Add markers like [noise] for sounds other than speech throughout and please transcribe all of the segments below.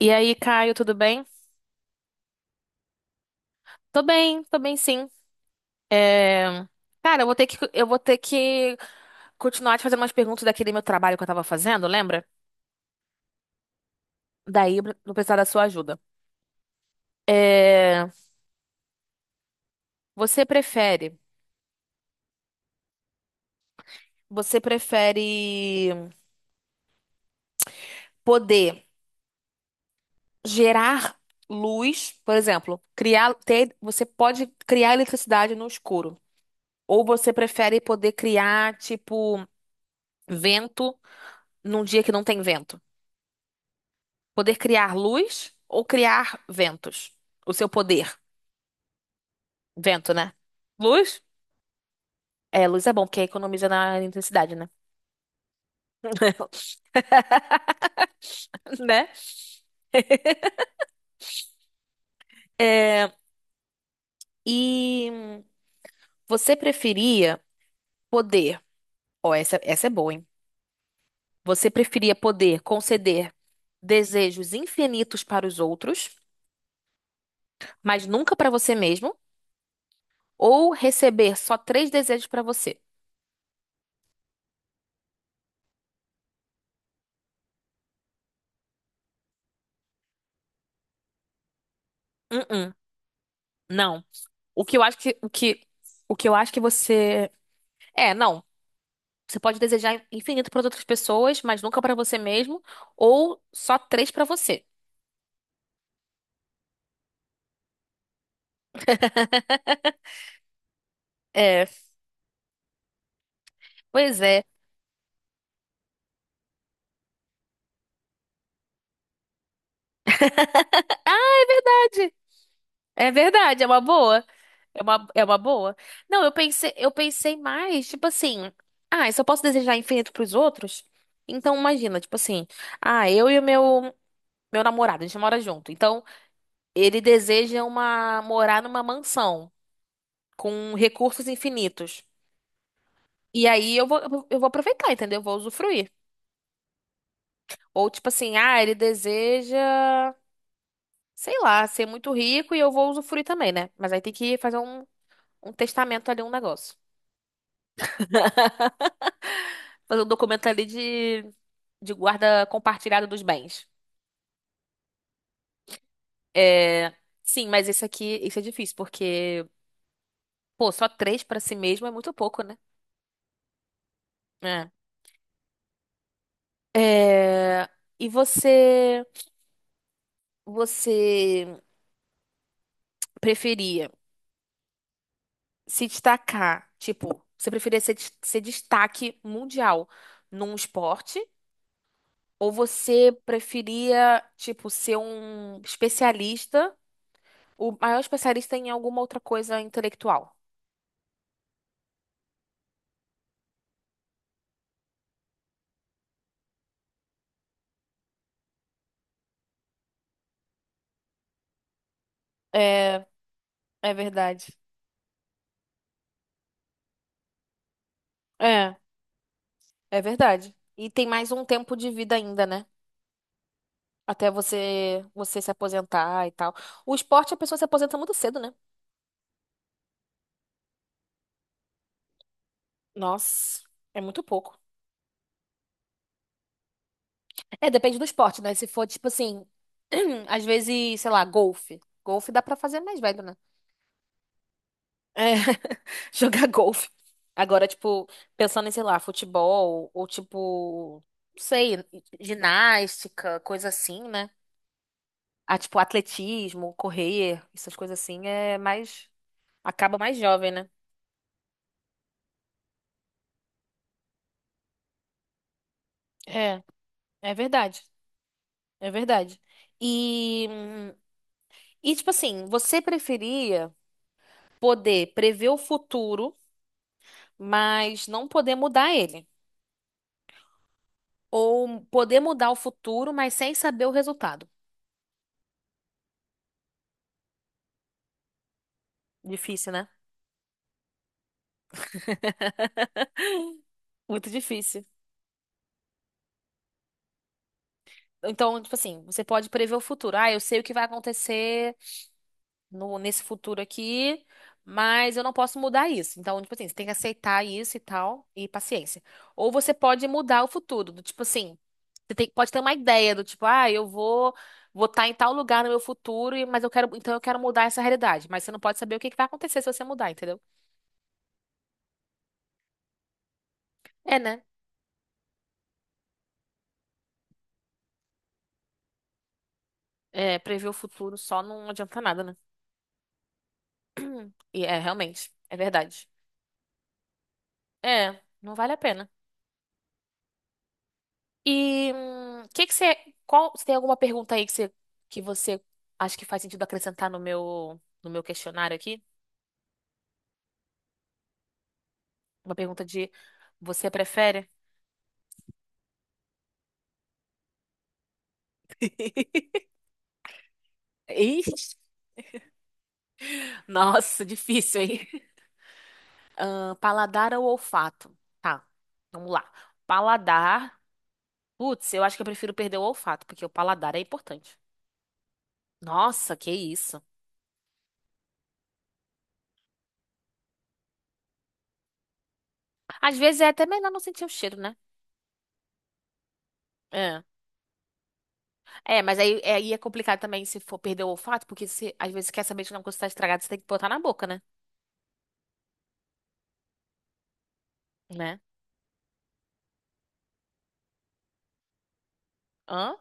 E aí, Caio, tudo bem? Tô bem, tô bem sim. É, Cara, eu vou ter que continuar te fazendo umas perguntas daquele meu trabalho que eu tava fazendo, lembra? Daí eu vou precisar da sua ajuda. É, Você prefere, você prefere poder gerar luz, por exemplo, criar, ter, você pode criar eletricidade no escuro, ou você prefere poder criar, tipo, vento num dia que não tem vento? Poder criar luz ou criar ventos? O seu poder. Vento, né? Luz? É, luz é bom, porque economiza na intensidade, né? [laughs] Né? É, e você preferia poder. Ó, essa é boa, hein? Você preferia poder conceder desejos infinitos para os outros, mas nunca para você mesmo, ou receber só três desejos para você? Uh-uh, não. O que eu acho que, o que, o que eu acho que você. É, não. Você pode desejar infinito para outras pessoas, mas nunca para você mesmo, ou só três para você. É, pois é. Verdade. É verdade, é uma boa. É uma boa. Não, eu pensei mais, tipo assim, ah, eu só posso desejar infinito para os outros? Então imagina, tipo assim, ah, eu e o meu meu namorado, a gente mora junto. Então, ele deseja uma morar numa mansão com recursos infinitos. E aí eu vou aproveitar, entendeu? Eu vou usufruir. Ou tipo assim, ah, ele deseja sei lá, ser muito rico e eu vou usufruir também, né? Mas aí tem que fazer um testamento ali, um negócio. Fazer um documento ali de guarda compartilhada dos bens. É, sim, mas esse aqui, isso é difícil, porque, pô, só três pra si mesmo é muito pouco, né? É. É, e você, você preferia se destacar, tipo, você preferia ser, ser destaque mundial num esporte? Ou você preferia, tipo, ser um especialista, o maior especialista em alguma outra coisa intelectual? É, é verdade. É, é verdade. E tem mais um tempo de vida ainda, né? Até você se aposentar e tal. O esporte, a pessoa se aposenta muito cedo, né? Nossa, é muito pouco. É, depende do esporte, né? Se for, tipo assim, [clears throat] às vezes, sei lá, golfe. Golfe dá pra fazer mais velho, né? É, [laughs] jogar golfe. Agora, tipo, pensando em, sei lá, futebol, ou tipo, não sei, ginástica, coisa assim, né? Ah, tipo, atletismo, correr, essas coisas assim, é mais. Acaba mais jovem, né? É, é verdade. É verdade. E, e tipo assim, você preferia poder prever o futuro, mas não poder mudar ele? Ou poder mudar o futuro, mas sem saber o resultado? Difícil, né? Muito difícil. Então, tipo assim, você pode prever o futuro. Ah, eu sei o que vai acontecer no, nesse futuro aqui, mas eu não posso mudar isso. Então, tipo assim, você tem que aceitar isso e tal, e paciência. Ou você pode mudar o futuro, do tipo assim, pode ter uma ideia do tipo, ah, eu vou vou estar em tal lugar no meu futuro, mas eu quero, então eu quero mudar essa realidade. Mas você não pode saber o que que vai acontecer se você mudar, entendeu? É, né? É, prever o futuro só não adianta nada, né? [clears throat] E é, realmente, é verdade. É, não vale a pena. E você tem alguma pergunta aí que você acha que faz sentido acrescentar no no meu questionário aqui? Uma pergunta de você prefere? [laughs] Ixi, nossa, difícil, hein? [laughs] Ah, Paladar ou olfato? Tá, vamos lá. Paladar. Putz, eu acho que eu prefiro perder o olfato, porque o paladar é importante. Nossa, que isso. Às vezes é até melhor não sentir o cheiro, né? É. É, mas aí, aí é complicado também se for perder o olfato, porque se, às vezes você quer saber de uma coisa está estragada, você tem que botar na boca, né? Né? Hã?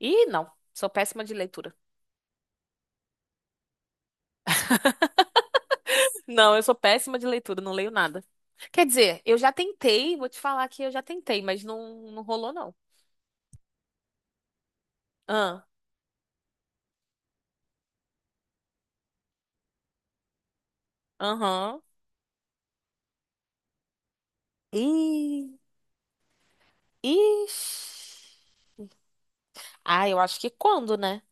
Ih, não. Sou péssima de leitura. [laughs] Não, eu sou péssima de leitura, não leio nada. Quer dizer, eu já tentei, vou te falar que eu já tentei, mas não rolou, não. Hã? Aham. Ih, ixi. Ah, eu acho que quando, né?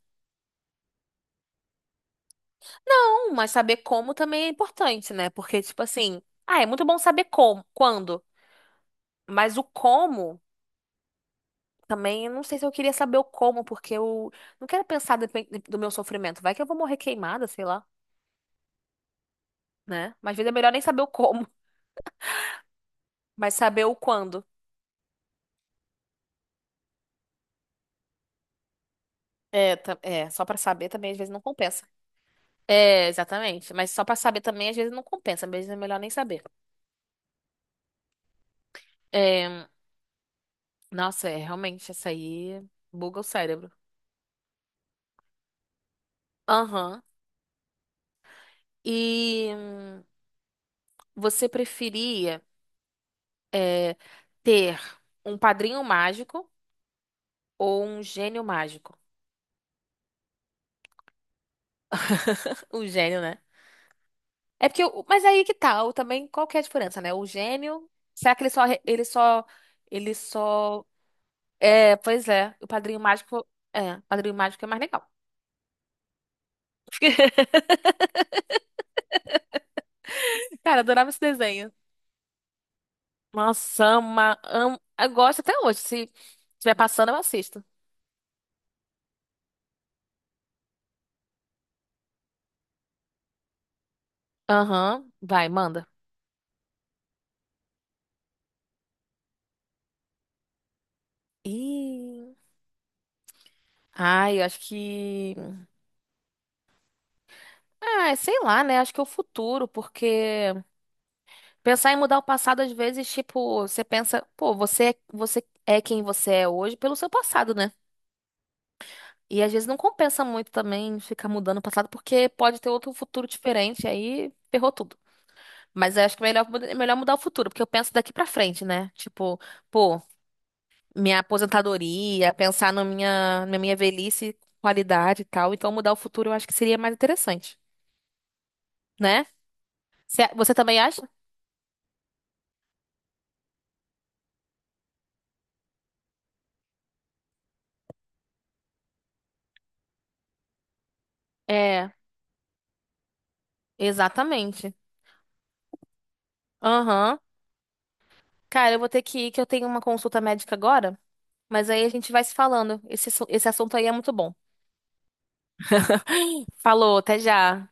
Não, mas saber como também é importante, né? Porque, tipo assim, ah, é muito bom saber como, quando, mas o como. Também eu não sei se eu queria saber o como, porque eu não quero pensar do meu sofrimento. Vai que eu vou morrer queimada, sei lá, né? Mas às vezes é melhor nem saber o como, [laughs] mas saber o quando. É, é, só pra saber também às vezes não compensa. É, exatamente. Mas só pra saber também às vezes não compensa, às vezes é melhor nem saber. É, nossa, é realmente essa aí buga o cérebro. Aham. E você preferia é, ter um padrinho mágico ou um gênio mágico? [laughs] Um gênio, né? É porque, mas aí que tá, o também, qual que é a diferença, né? O gênio, será que ele só, re- ele só, é, pois é, é, o Padrinho Mágico é mais legal. [laughs] Cara, eu adorava esse desenho. Nossa, amo, eu gosto até hoje, se estiver passando eu assisto. Aham, vai, manda. Ih, ai, ah, sei lá, né, acho que é o futuro, porque pensar em mudar o passado, às vezes, tipo, você pensa, pô, você é quem você é hoje pelo seu passado, né? E às vezes não compensa muito também ficar mudando o passado, porque pode ter outro futuro diferente, aí ferrou tudo. Mas eu acho que é melhor, é melhor mudar o futuro, porque eu penso daqui pra frente, né? Tipo, pô, minha aposentadoria, pensar na minha velhice, qualidade e tal. Então mudar o futuro eu acho que seria mais interessante, né? Você também acha? É, exatamente. Aham. Cara, eu vou ter que ir, que eu tenho uma consulta médica agora, mas aí a gente vai se falando. Esse assunto aí é muito bom. [laughs] Falou, até já.